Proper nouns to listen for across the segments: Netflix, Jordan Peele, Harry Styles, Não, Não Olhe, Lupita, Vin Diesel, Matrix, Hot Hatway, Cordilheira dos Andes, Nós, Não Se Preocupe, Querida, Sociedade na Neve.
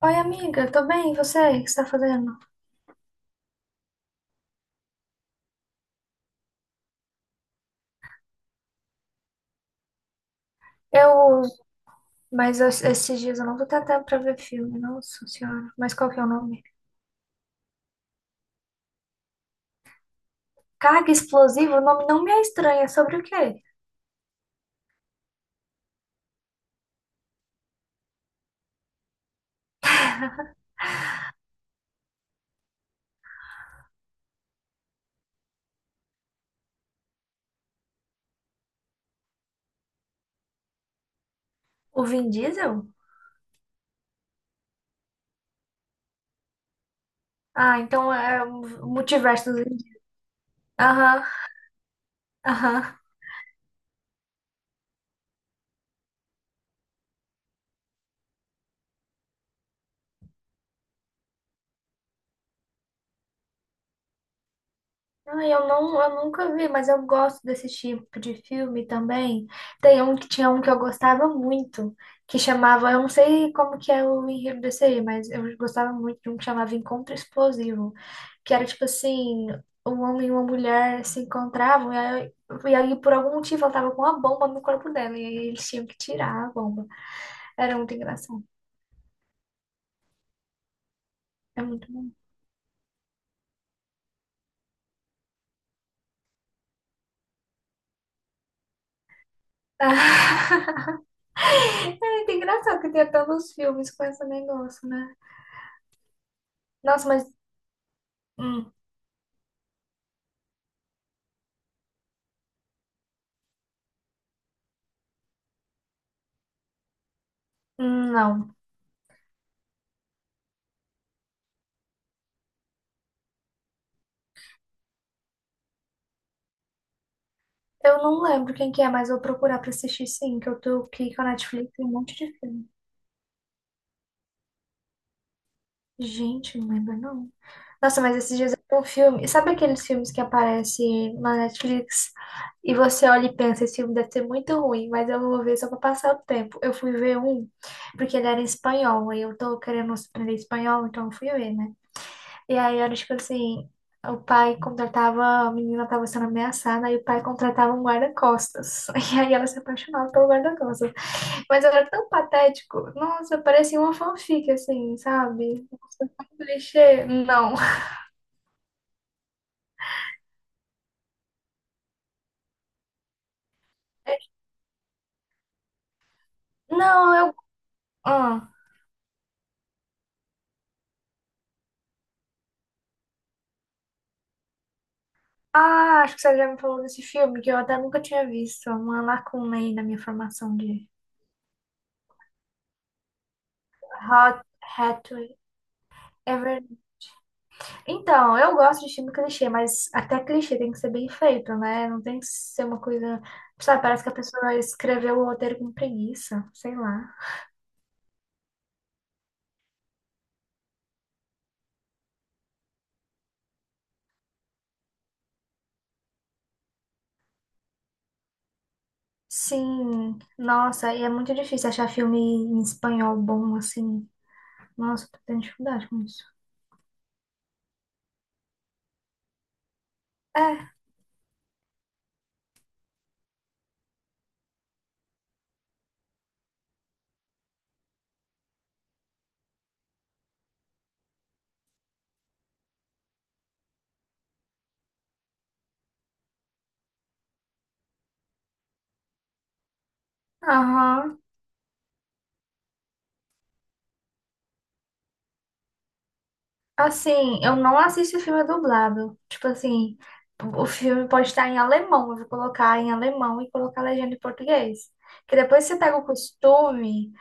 Oi, amiga, tô bem, e você? O que você tá fazendo? Eu, mas esses dias eu não vou ter tempo pra ver filme, nossa senhora. Mas qual que é o nome? Carga Explosiva? O nome não me é estranho, é sobre o quê? O Vin Diesel? Ah, então é o multiverso do Vin Diesel. Aham, aham. Ah, eu nunca vi, mas eu gosto desse tipo de filme também. Tem um que eu gostava muito, que chamava, eu não sei como que é o enredo desse aí, mas eu gostava muito de um que chamava Encontro Explosivo, que era tipo assim, um homem e uma mulher se encontravam e aí, por algum motivo ela tava com uma bomba no corpo dela e aí eles tinham que tirar a bomba. Era muito engraçado. É muito bom. É muito engraçado que tenha tantos filmes com esse negócio, né? Nossa, mas hum. Não. Eu não lembro quem que é, mas eu vou procurar pra assistir, sim, que eu tô aqui com a Netflix, tem um monte de filme. Gente, não lembro não. Nossa, mas esses dias eu vi um filme. Sabe aqueles filmes que aparecem na Netflix e você olha e pensa, esse filme deve ser muito ruim, mas eu vou ver só pra passar o tempo. Eu fui ver um, porque ele era em espanhol, aí eu tô querendo aprender espanhol, então eu fui ver, né? E aí era tipo assim, o pai contratava, a menina estava sendo ameaçada, aí o pai contratava um guarda-costas. E aí ela se apaixonava pelo guarda-costas. Mas era tão patético. Nossa, parecia uma fanfic, assim, sabe? Um clichê. Não. Não, eu. Ah. Ah, acho que você já me falou desse filme, que eu até nunca tinha visto. Uma lacuna aí na minha formação de Hot Hatway. É verdade. Então, eu gosto de filme clichê, mas até clichê tem que ser bem feito, né? Não tem que ser uma coisa. Sabe, parece que a pessoa escreveu o roteiro com preguiça, sei lá. Sim, nossa, e é muito difícil achar filme em espanhol bom, assim. Nossa, tô tendo dificuldade com isso. É, aham. Assim, eu não assisto filme dublado. Tipo assim, o filme pode estar em alemão, eu vou colocar em alemão e colocar legenda em português. Que depois você pega o costume.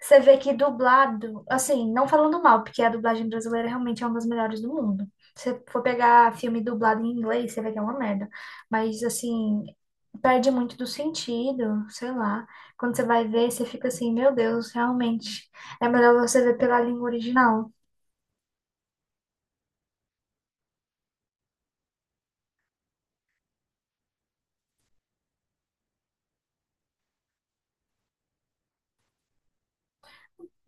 Você vê que dublado, assim, não falando mal, porque a dublagem brasileira realmente é uma das melhores do mundo. Se você for pegar filme dublado em inglês, você vê que é uma merda. Mas, assim, perde muito do sentido, sei lá. Quando você vai ver, você fica assim, meu Deus, realmente é melhor você ver pela língua original.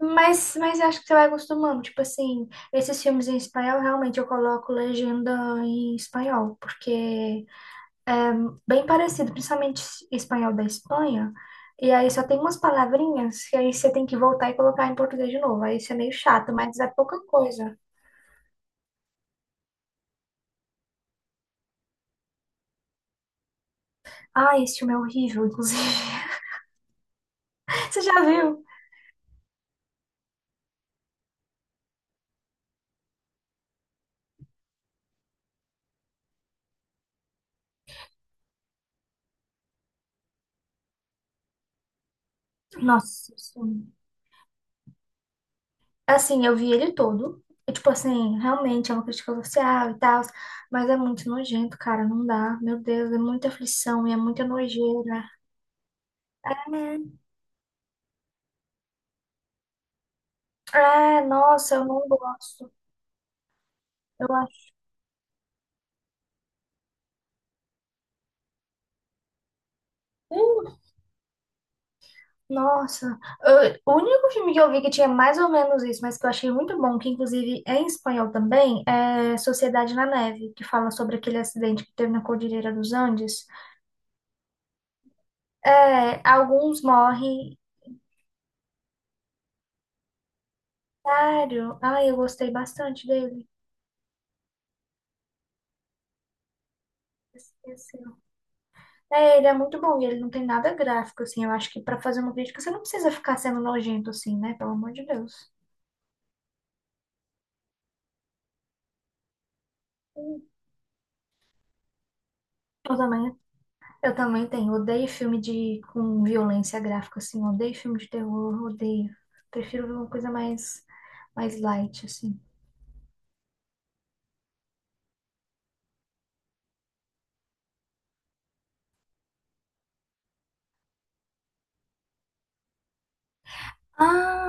Mas eu acho que você vai acostumando. Tipo assim, esses filmes em espanhol, realmente eu coloco legenda em espanhol, porque bem parecido, principalmente espanhol da Espanha. E aí só tem umas palavrinhas que aí você tem que voltar e colocar em português de novo. Aí isso é meio chato, mas é pouca coisa. Ah, esse filme é horrível, inclusive. Você já viu? Nossa, sim. Assim, eu vi ele todo. E, tipo assim, realmente é uma crítica social e tal, mas é muito nojento, cara, não dá. Meu Deus, é muita aflição e é muita nojeira. É, nossa, eu não gosto. Eu acho. Nossa, eu- o único filme que eu vi que tinha mais ou menos isso, mas que eu achei muito bom, que inclusive é em espanhol também, é Sociedade na Neve, que fala sobre aquele acidente que teve na Cordilheira dos Andes. É, alguns morrem. Sério? Ai, eu gostei bastante dele. Esqueci. É, ele é muito bom e ele não tem nada gráfico, assim. Eu acho que pra fazer uma crítica você não precisa ficar sendo nojento, assim, né? Pelo amor de Deus. Eu também Eu também tenho. Odeio filme de com violência gráfica, assim. Odeio filme de terror, odeio. Prefiro ver uma coisa mais, mais light, assim. Ah,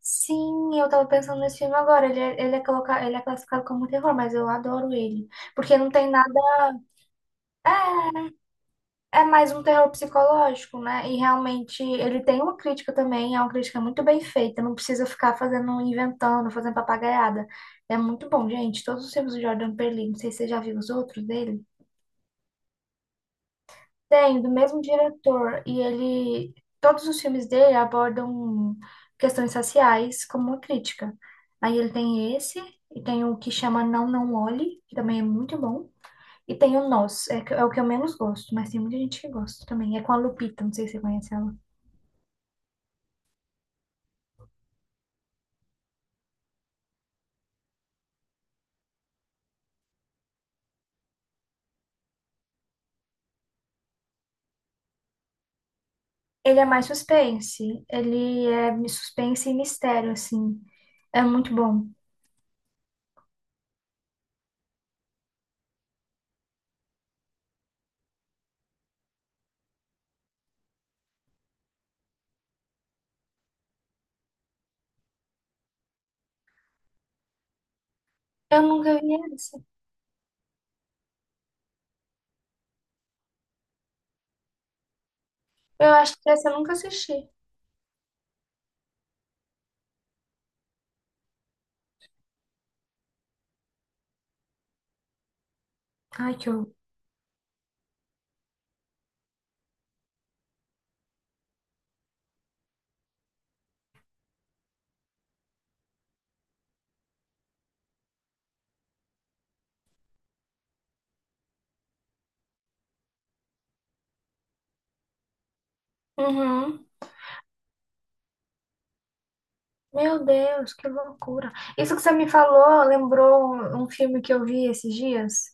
sim, eu tava pensando nesse filme agora. Coloca... ele é classificado como um terror, mas eu adoro ele. Porque não tem nada. É, é mais um terror psicológico, né? E realmente ele tem uma crítica também, é uma crítica muito bem feita. Não precisa ficar fazendo, inventando, fazendo papagaiada. É muito bom, gente. Todos os filmes do Jordan Peele, não sei se você já viu os outros dele. Tem, do mesmo diretor, e ele, todos os filmes dele abordam questões raciais como uma crítica. Aí ele tem esse, e tem o que chama Não, Não Olhe, que também é muito bom, e tem o Nós, é, que- é o que eu menos gosto, mas tem muita gente que gosta também. É com a Lupita, não sei se você conhece ela. Ele é mais suspense, ele é suspense e mistério, assim. É muito bom. Eu nunca vi esse. Eu acho que essa eu nunca assisti. Ai, que horror. Uhum. Meu Deus, que loucura. Isso que você me falou lembrou um filme que eu vi esses dias,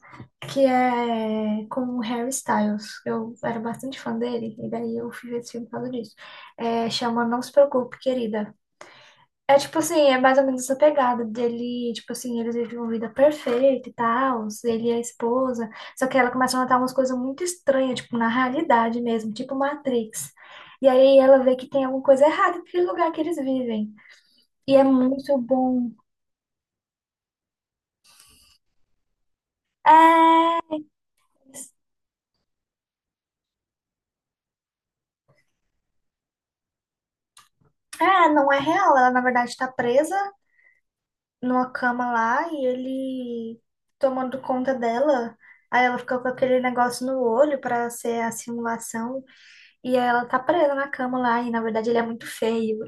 que é com o Harry Styles. Eu era bastante fã dele, e daí eu fui ver esse filme por causa disso. É, chama Não Se Preocupe, Querida. É tipo assim, é mais ou menos essa pegada dele, tipo assim, eles vivem uma vida perfeita e tal, ele e a esposa, só que ela começa a notar umas coisas muito estranhas, tipo, na realidade mesmo, tipo Matrix. E aí ela vê que tem alguma coisa errada naquele lugar que eles vivem. E é muito bom. É, ah, não é real. Ela, na verdade, tá presa numa cama lá e ele tomando conta dela. Aí ela fica com aquele negócio no olho pra ser a simulação. E aí ela tá presa na cama lá. E na verdade ele é muito feio.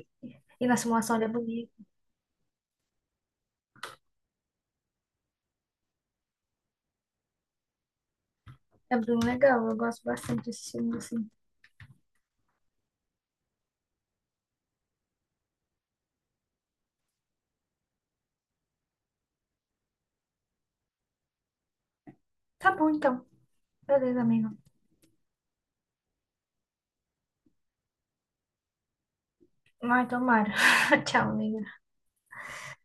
E na simulação ele é bonito. É bem legal. Eu gosto bastante desse filme assim. Tá bom então. Beleza, amigo. Ai, tomara. Tchau, amigo.